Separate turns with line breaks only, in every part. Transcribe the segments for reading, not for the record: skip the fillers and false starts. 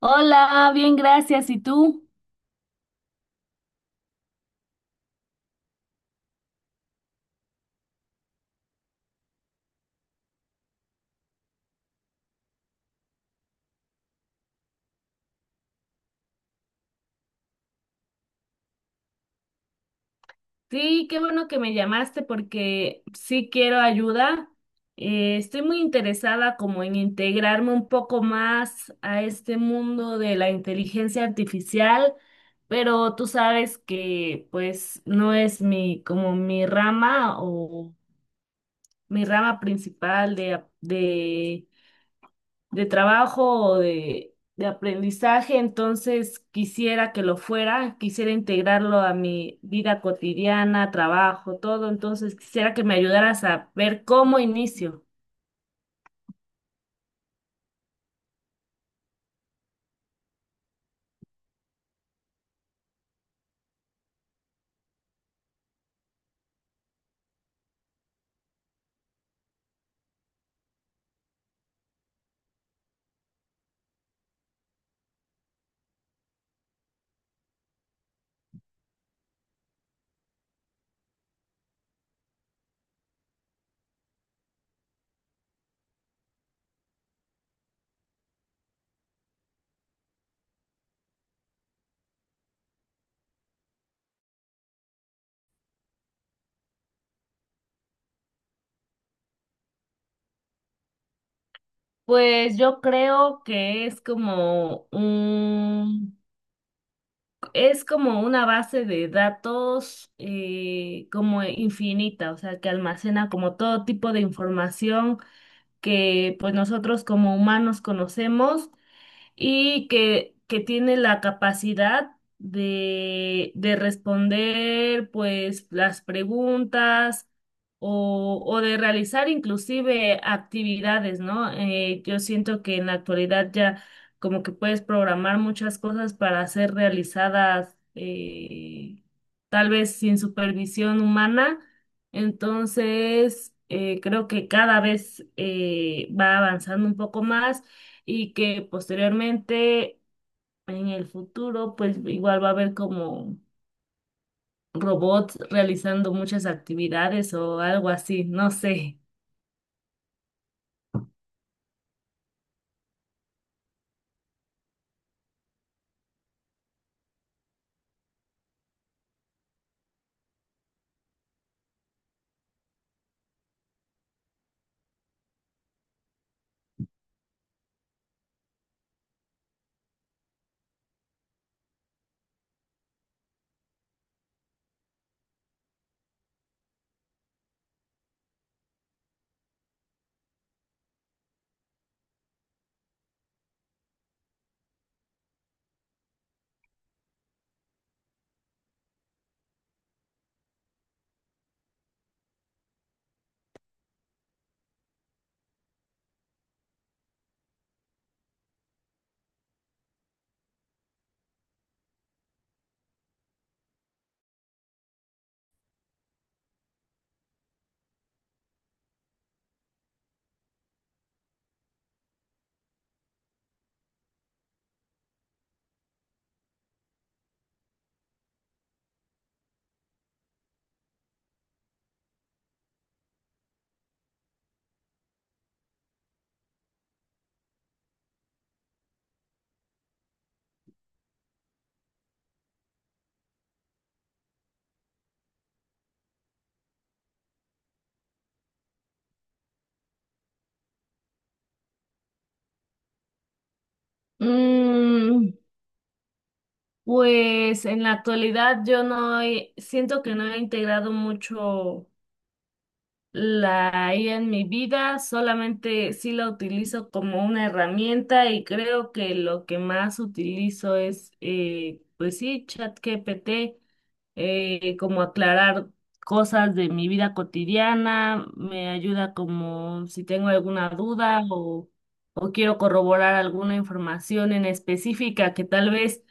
Hola, bien, gracias. ¿Y tú? Sí, qué bueno que me llamaste porque sí quiero ayuda. Estoy muy interesada como en integrarme un poco más a este mundo de la inteligencia artificial, pero tú sabes que pues no es mi como mi rama o mi rama principal de, de trabajo o de aprendizaje, entonces quisiera que lo fuera, quisiera integrarlo a mi vida cotidiana, trabajo, todo, entonces quisiera que me ayudaras a ver cómo inicio. Pues yo creo que es es como una base de datos como infinita, o sea, que almacena como todo tipo de información que pues nosotros como humanos conocemos y que tiene la capacidad de responder pues las preguntas o de realizar inclusive actividades, ¿no? Yo siento que en la actualidad ya como que puedes programar muchas cosas para ser realizadas tal vez sin supervisión humana. Entonces, creo que cada vez va avanzando un poco más y que posteriormente en el futuro pues igual va a haber como robots realizando muchas actividades o algo así, no sé. Mm, pues en la actualidad yo no he- siento que no he integrado mucho la IA en mi vida, solamente sí la utilizo como una herramienta y creo que lo que más utilizo es pues sí, ChatGPT, como aclarar cosas de mi vida cotidiana, me ayuda como si tengo alguna duda o quiero corroborar alguna información en específica que tal vez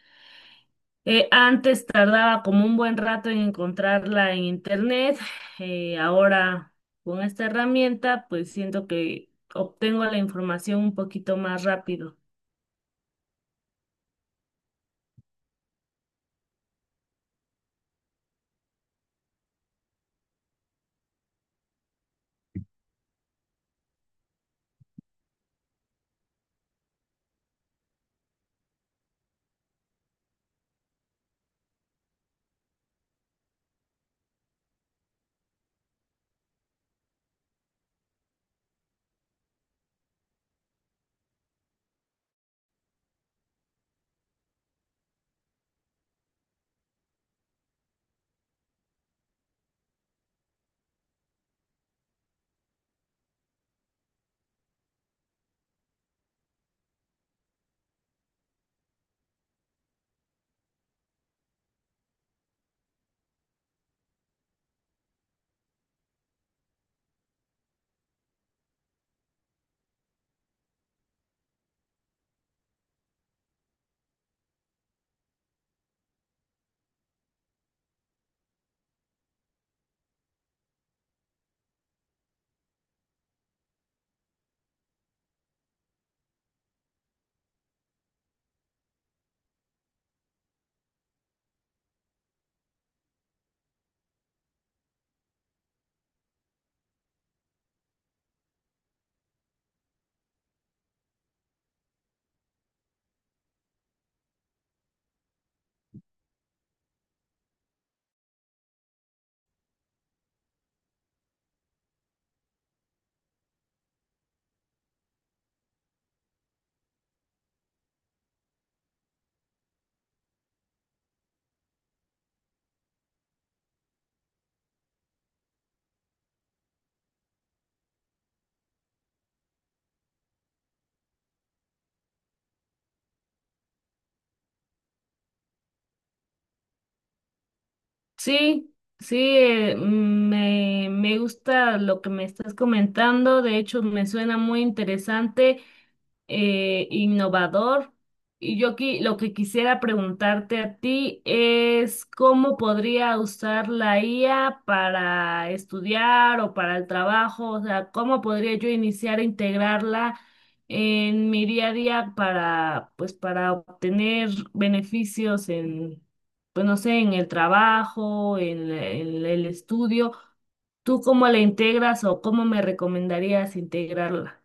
antes tardaba como un buen rato en encontrarla en internet, ahora con esta herramienta pues siento que obtengo la información un poquito más rápido. Sí, sí, me gusta lo que me estás comentando, de hecho me suena muy interesante, innovador. Y lo que quisiera preguntarte a ti es cómo podría usar la IA para estudiar o para el trabajo, o sea, cómo podría yo iniciar a integrarla en mi día a día para, pues, para obtener beneficios en, pues, no sé, en el trabajo, en el estudio. ¿Tú cómo la integras o cómo me recomendarías integrarla?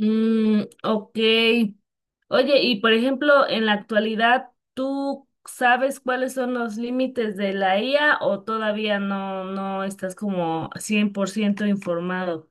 Mm, ok. Oye, y por ejemplo, en la actualidad, ¿tú sabes cuáles son los límites de la IA o todavía no, no estás como 100% informado?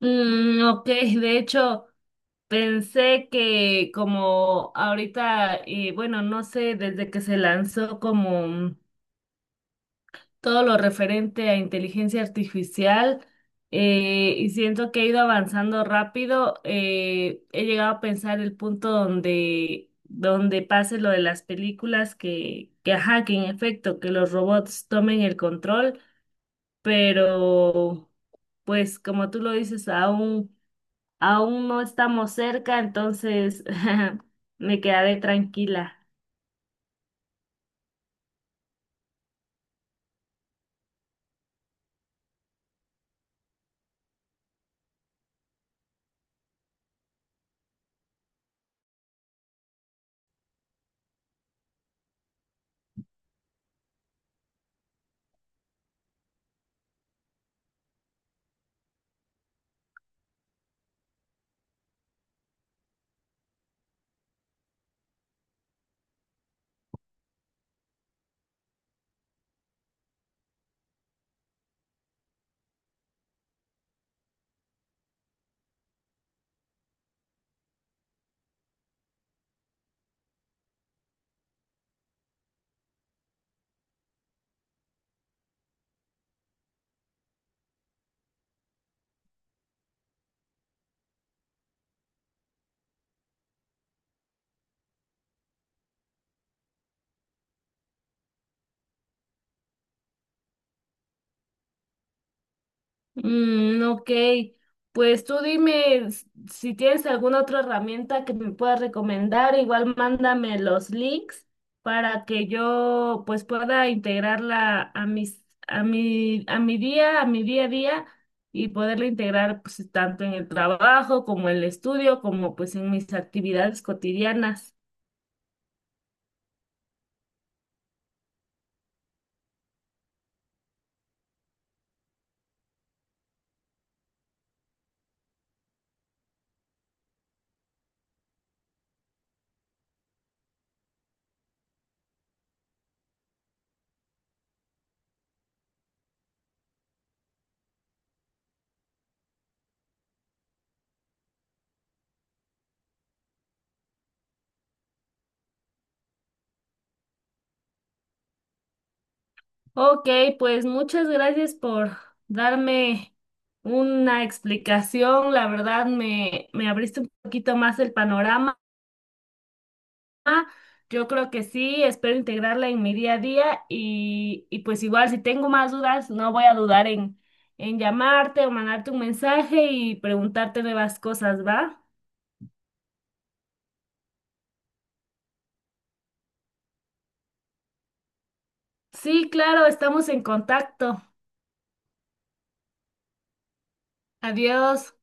Mm, ok, de hecho, pensé que como ahorita, bueno, no sé, desde que se lanzó como todo lo referente a inteligencia artificial, y siento que he ido avanzando rápido. He llegado a pensar el punto donde, donde pase lo de las películas ajá, que en efecto, que los robots tomen el control, pero pues como tú lo dices, aún, aún no estamos cerca, entonces me quedaré tranquila. Mm, ok, pues tú dime si tienes alguna otra herramienta que me puedas recomendar, igual mándame los links para que yo pues pueda integrarla a mis, a mi, a mi día a día y poderla integrar pues tanto en el trabajo como en el estudio como pues en mis actividades cotidianas. Ok, pues muchas gracias por darme una explicación. La verdad me abriste un poquito más el panorama. Yo creo que sí, espero integrarla en mi día a día y pues igual si tengo más dudas, no voy a dudar en llamarte o mandarte un mensaje y preguntarte nuevas cosas, ¿va? Sí, claro, estamos en contacto. Adiós.